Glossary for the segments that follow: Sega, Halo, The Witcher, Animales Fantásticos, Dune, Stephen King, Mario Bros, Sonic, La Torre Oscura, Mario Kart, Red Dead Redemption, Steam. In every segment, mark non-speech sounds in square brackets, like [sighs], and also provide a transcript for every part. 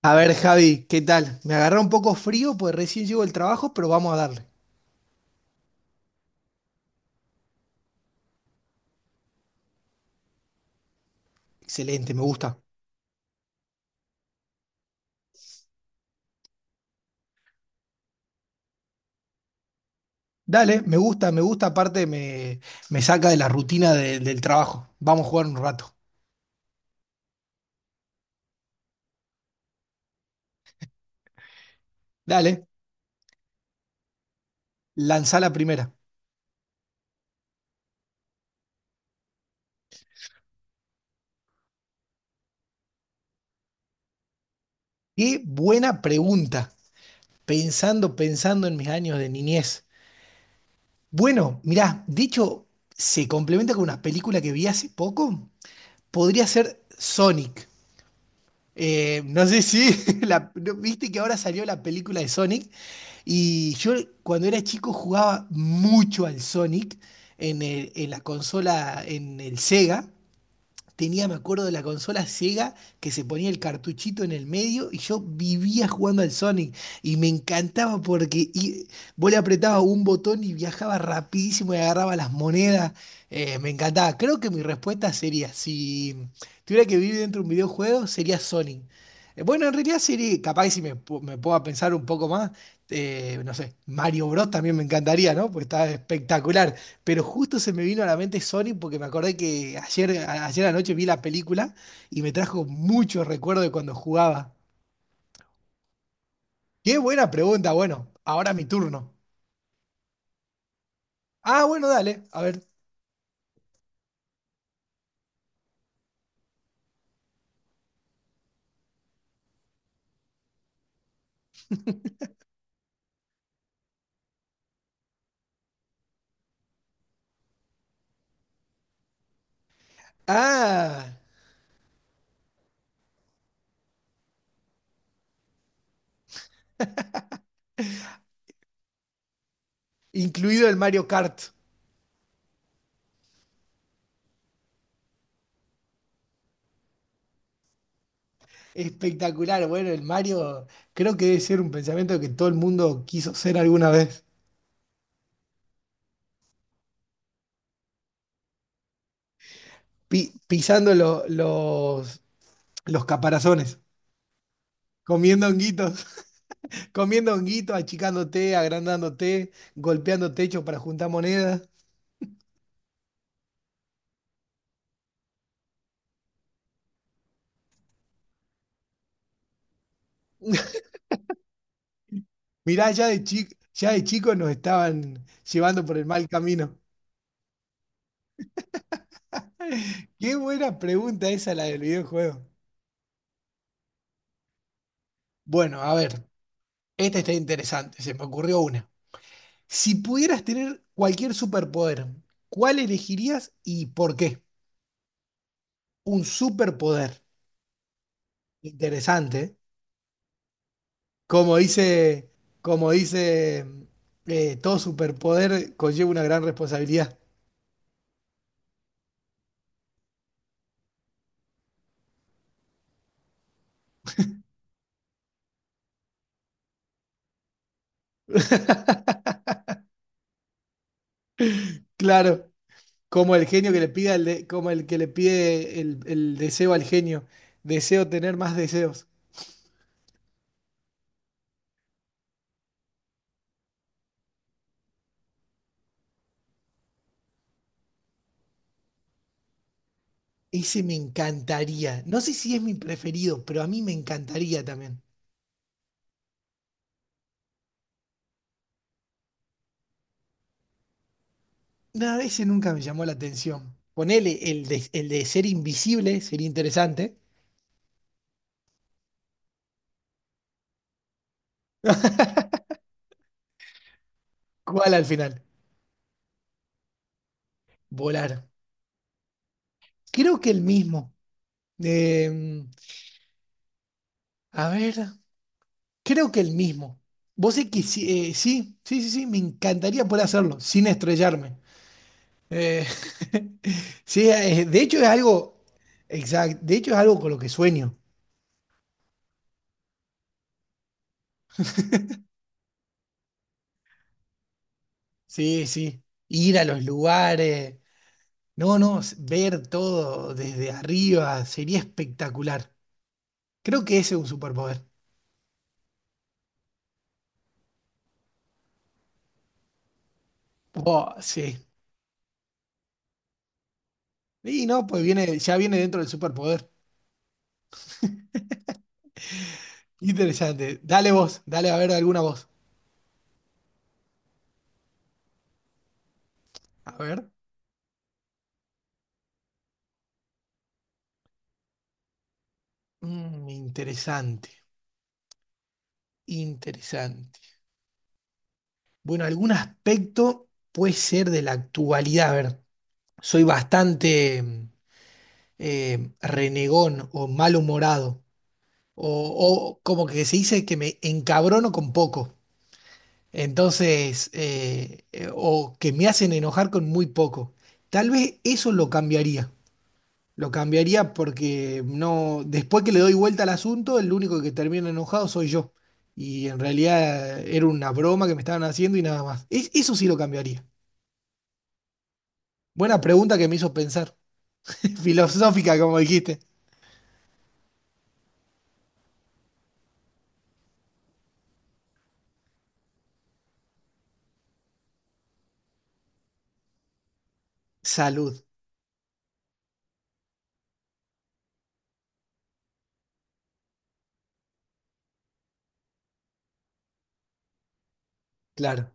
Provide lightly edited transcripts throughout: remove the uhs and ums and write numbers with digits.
A ver, Javi, ¿qué tal? Me agarró un poco frío, pues recién llego del trabajo, pero vamos a darle. Excelente, me gusta. Dale, me gusta, me gusta, me saca de la rutina del trabajo. Vamos a jugar un rato. Dale, lanzá la primera. Qué buena pregunta, pensando en mis años de niñez. Bueno, mirá, de hecho, se complementa con una película que vi hace poco. Podría ser Sonic. No sé si [laughs] ¿no ¿viste que ahora salió la película de Sonic? Y yo cuando era chico jugaba mucho al Sonic en, en la consola, en el Sega tenía, me acuerdo, de la consola Sega que se ponía el cartuchito en el medio y yo vivía jugando al Sonic y me encantaba vos le apretabas un botón y viajaba rapidísimo y agarraba las monedas. Me encantaba. Creo que mi respuesta sería, si tuviera que vivir dentro de un videojuego, sería Sonic. Bueno, en realidad sería, capaz que si me, pu- me puedo pensar un poco más, no sé, Mario Bros. También me encantaría, ¿no? Pues está espectacular. Pero justo se me vino a la mente Sonic porque me acordé que ayer anoche vi la película y me trajo mucho recuerdo de cuando jugaba. Qué buena pregunta. Bueno, ahora mi turno. Ah, bueno, dale. A ver. Ah, incluido el Mario Kart. Espectacular. Bueno, el Mario creo que debe ser un pensamiento que todo el mundo quiso ser alguna vez. Pisando los caparazones, comiendo honguitos, [laughs] comiendo honguitos, achicándote, agrandándote golpeando techo para juntar monedas. Mirá, ya de chico, ya de chicos nos estaban llevando por el mal camino. [laughs] Qué buena pregunta esa la del videojuego. Bueno, a ver, esta está interesante, se me ocurrió una. Si pudieras tener cualquier superpoder, ¿cuál elegirías y por qué? Un superpoder. Interesante, ¿eh? Como dice, como dice, todo superpoder conlleva una gran responsabilidad. [laughs] Claro. Como el genio que le pide como el que le pide el deseo al genio. Deseo tener más deseos. Ese me encantaría. No sé si es mi preferido, pero a mí me encantaría también. No, ese nunca me llamó la atención. Ponele el de ser invisible, sería interesante. ¿Cuál al final? Volar. Creo que el mismo. Eh, a ver, creo que el mismo. Vos sé que sí, sí, me encantaría poder hacerlo sin estrellarme. Eh, [laughs] sí, de hecho es algo, exacto, de hecho es algo con lo que sueño. Sí, ir a los lugares, no, ver todo desde arriba sería espectacular. Creo que ese es un superpoder. Oh, sí. Y no, pues viene, ya viene dentro del superpoder. Interesante. Dale vos, dale a ver alguna voz. A ver. Mm, interesante, interesante. Bueno, algún aspecto puede ser de la actualidad, a ver. Soy bastante renegón o malhumorado, o, o como que se dice que me encabrono con poco, entonces, o que me hacen enojar con muy poco. Tal vez eso lo cambiaría porque no, después que le doy vuelta al asunto, el único que termina enojado soy yo. Y en realidad era una broma que me estaban haciendo y nada más. Eso sí lo cambiaría. Buena pregunta que me hizo pensar. [laughs] Filosófica, como dijiste. Salud. Claro.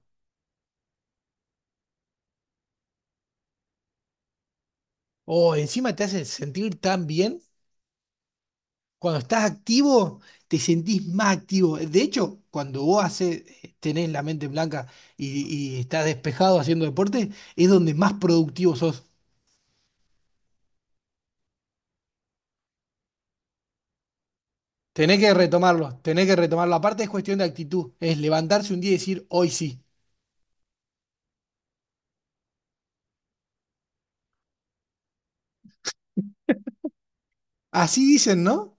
O encima te hace sentir tan bien. Cuando estás activo, te sentís más activo. De hecho, cuando vos haces, tenés la mente blanca y estás despejado haciendo deporte, es donde más productivo sos. Tenés que retomarlo, tenés que retomarlo. Aparte es cuestión de actitud, es levantarse un día y decir, hoy sí. Así dicen, ¿no?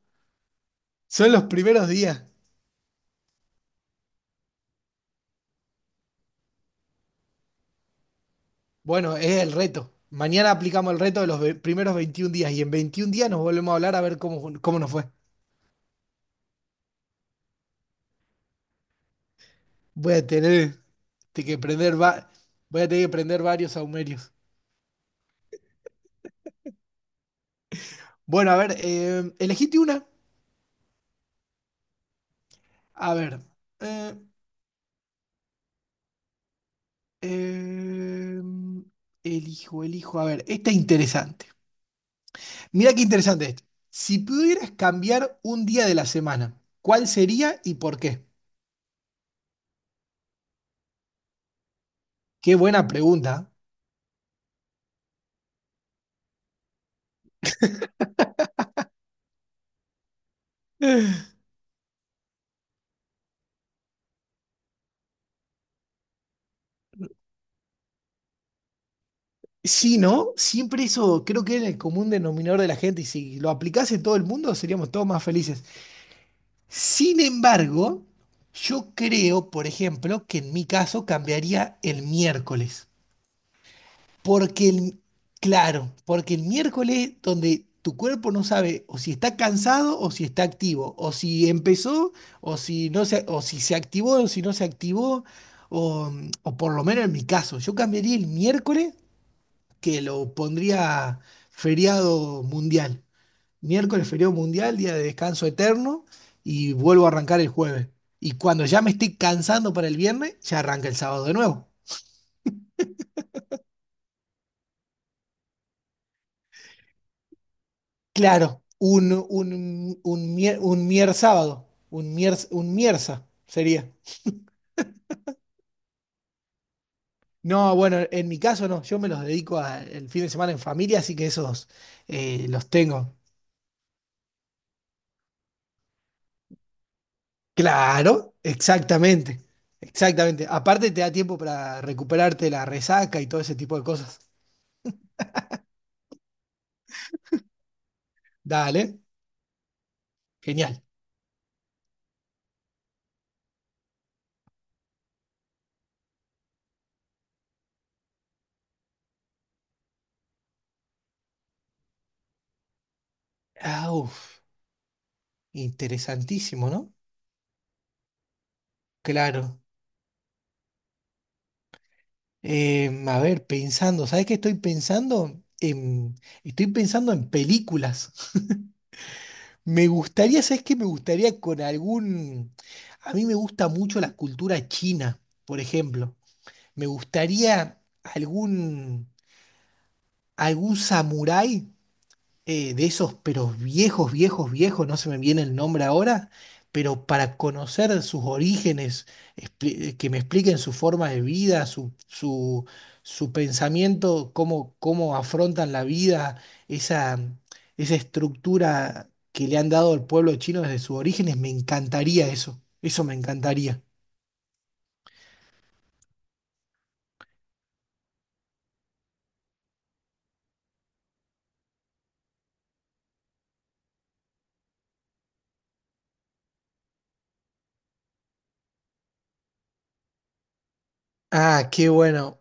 Son los primeros días. Bueno, es el reto. Mañana aplicamos el reto de los primeros 21 días y en 21 días nos volvemos a hablar a ver cómo nos fue. Voy a tener te- que prender va- voy a tener que prender varios saumerios. Bueno, a ver, elegite una. A ver. eh, eh, elijo. A ver, esta es interesante. Mira qué interesante esto. Si pudieras cambiar un día de la semana, ¿cuál sería y por qué? Qué buena pregunta. Eh. [sighs] Sí, ¿no? Siempre eso creo que es el común denominador de la gente y si lo aplicase todo el mundo seríamos todos más felices. Sin embargo, yo creo, por ejemplo, que en mi caso cambiaría el miércoles. Porque el, claro, porque el miércoles donde tu cuerpo no sabe o si está cansado o si está activo, o si empezó o si se activó o si no se activó, o, o por lo menos en mi caso, yo cambiaría el miércoles que lo pondría feriado mundial, miércoles feriado mundial, día de descanso eterno, y vuelvo a arrancar el jueves. Y cuando ya me estoy cansando para el viernes, ya arranca el sábado de nuevo. Claro, un mier sábado, un mierza sería. No, bueno, en mi caso no, yo me los dedico el fin de semana en familia, así que esos los tengo. Claro, exactamente. Aparte te da tiempo para recuperarte la resaca y todo ese tipo de cosas. Dale, genial. Ah, uf. Interesantísimo, ¿no? Claro. A ver, pensando, ¿sabes qué estoy pensando? Estoy pensando en películas. [laughs] Me gustaría, ¿sabes qué? Me gustaría con algún... A mí me gusta mucho la cultura china, por ejemplo. Me gustaría algún, algún samurái de esos, pero viejos, viejos, viejos, no se me viene el nombre ahora, pero para conocer sus orígenes, que me expliquen su forma de vida, su pensamiento, cómo afrontan la vida, esa, esa estructura que le han dado al pueblo chino desde sus orígenes, me encantaría eso, eso me encantaría. Ah, qué bueno,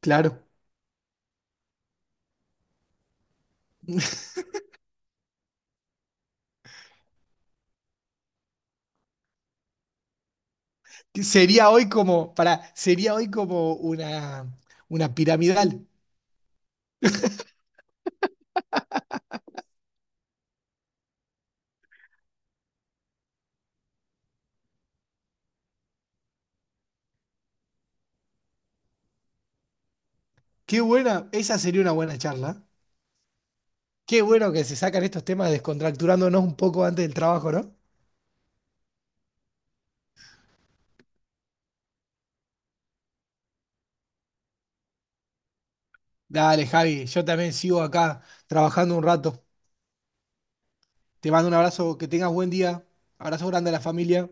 claro. [laughs] Sería hoy como una piramidal. Qué buena, esa sería una buena charla. Qué bueno que se sacan estos temas descontracturándonos un poco antes del trabajo, ¿no? Dale, Javi, yo también sigo acá trabajando un rato. Te mando un abrazo, que tengas buen día. Abrazo grande a la familia.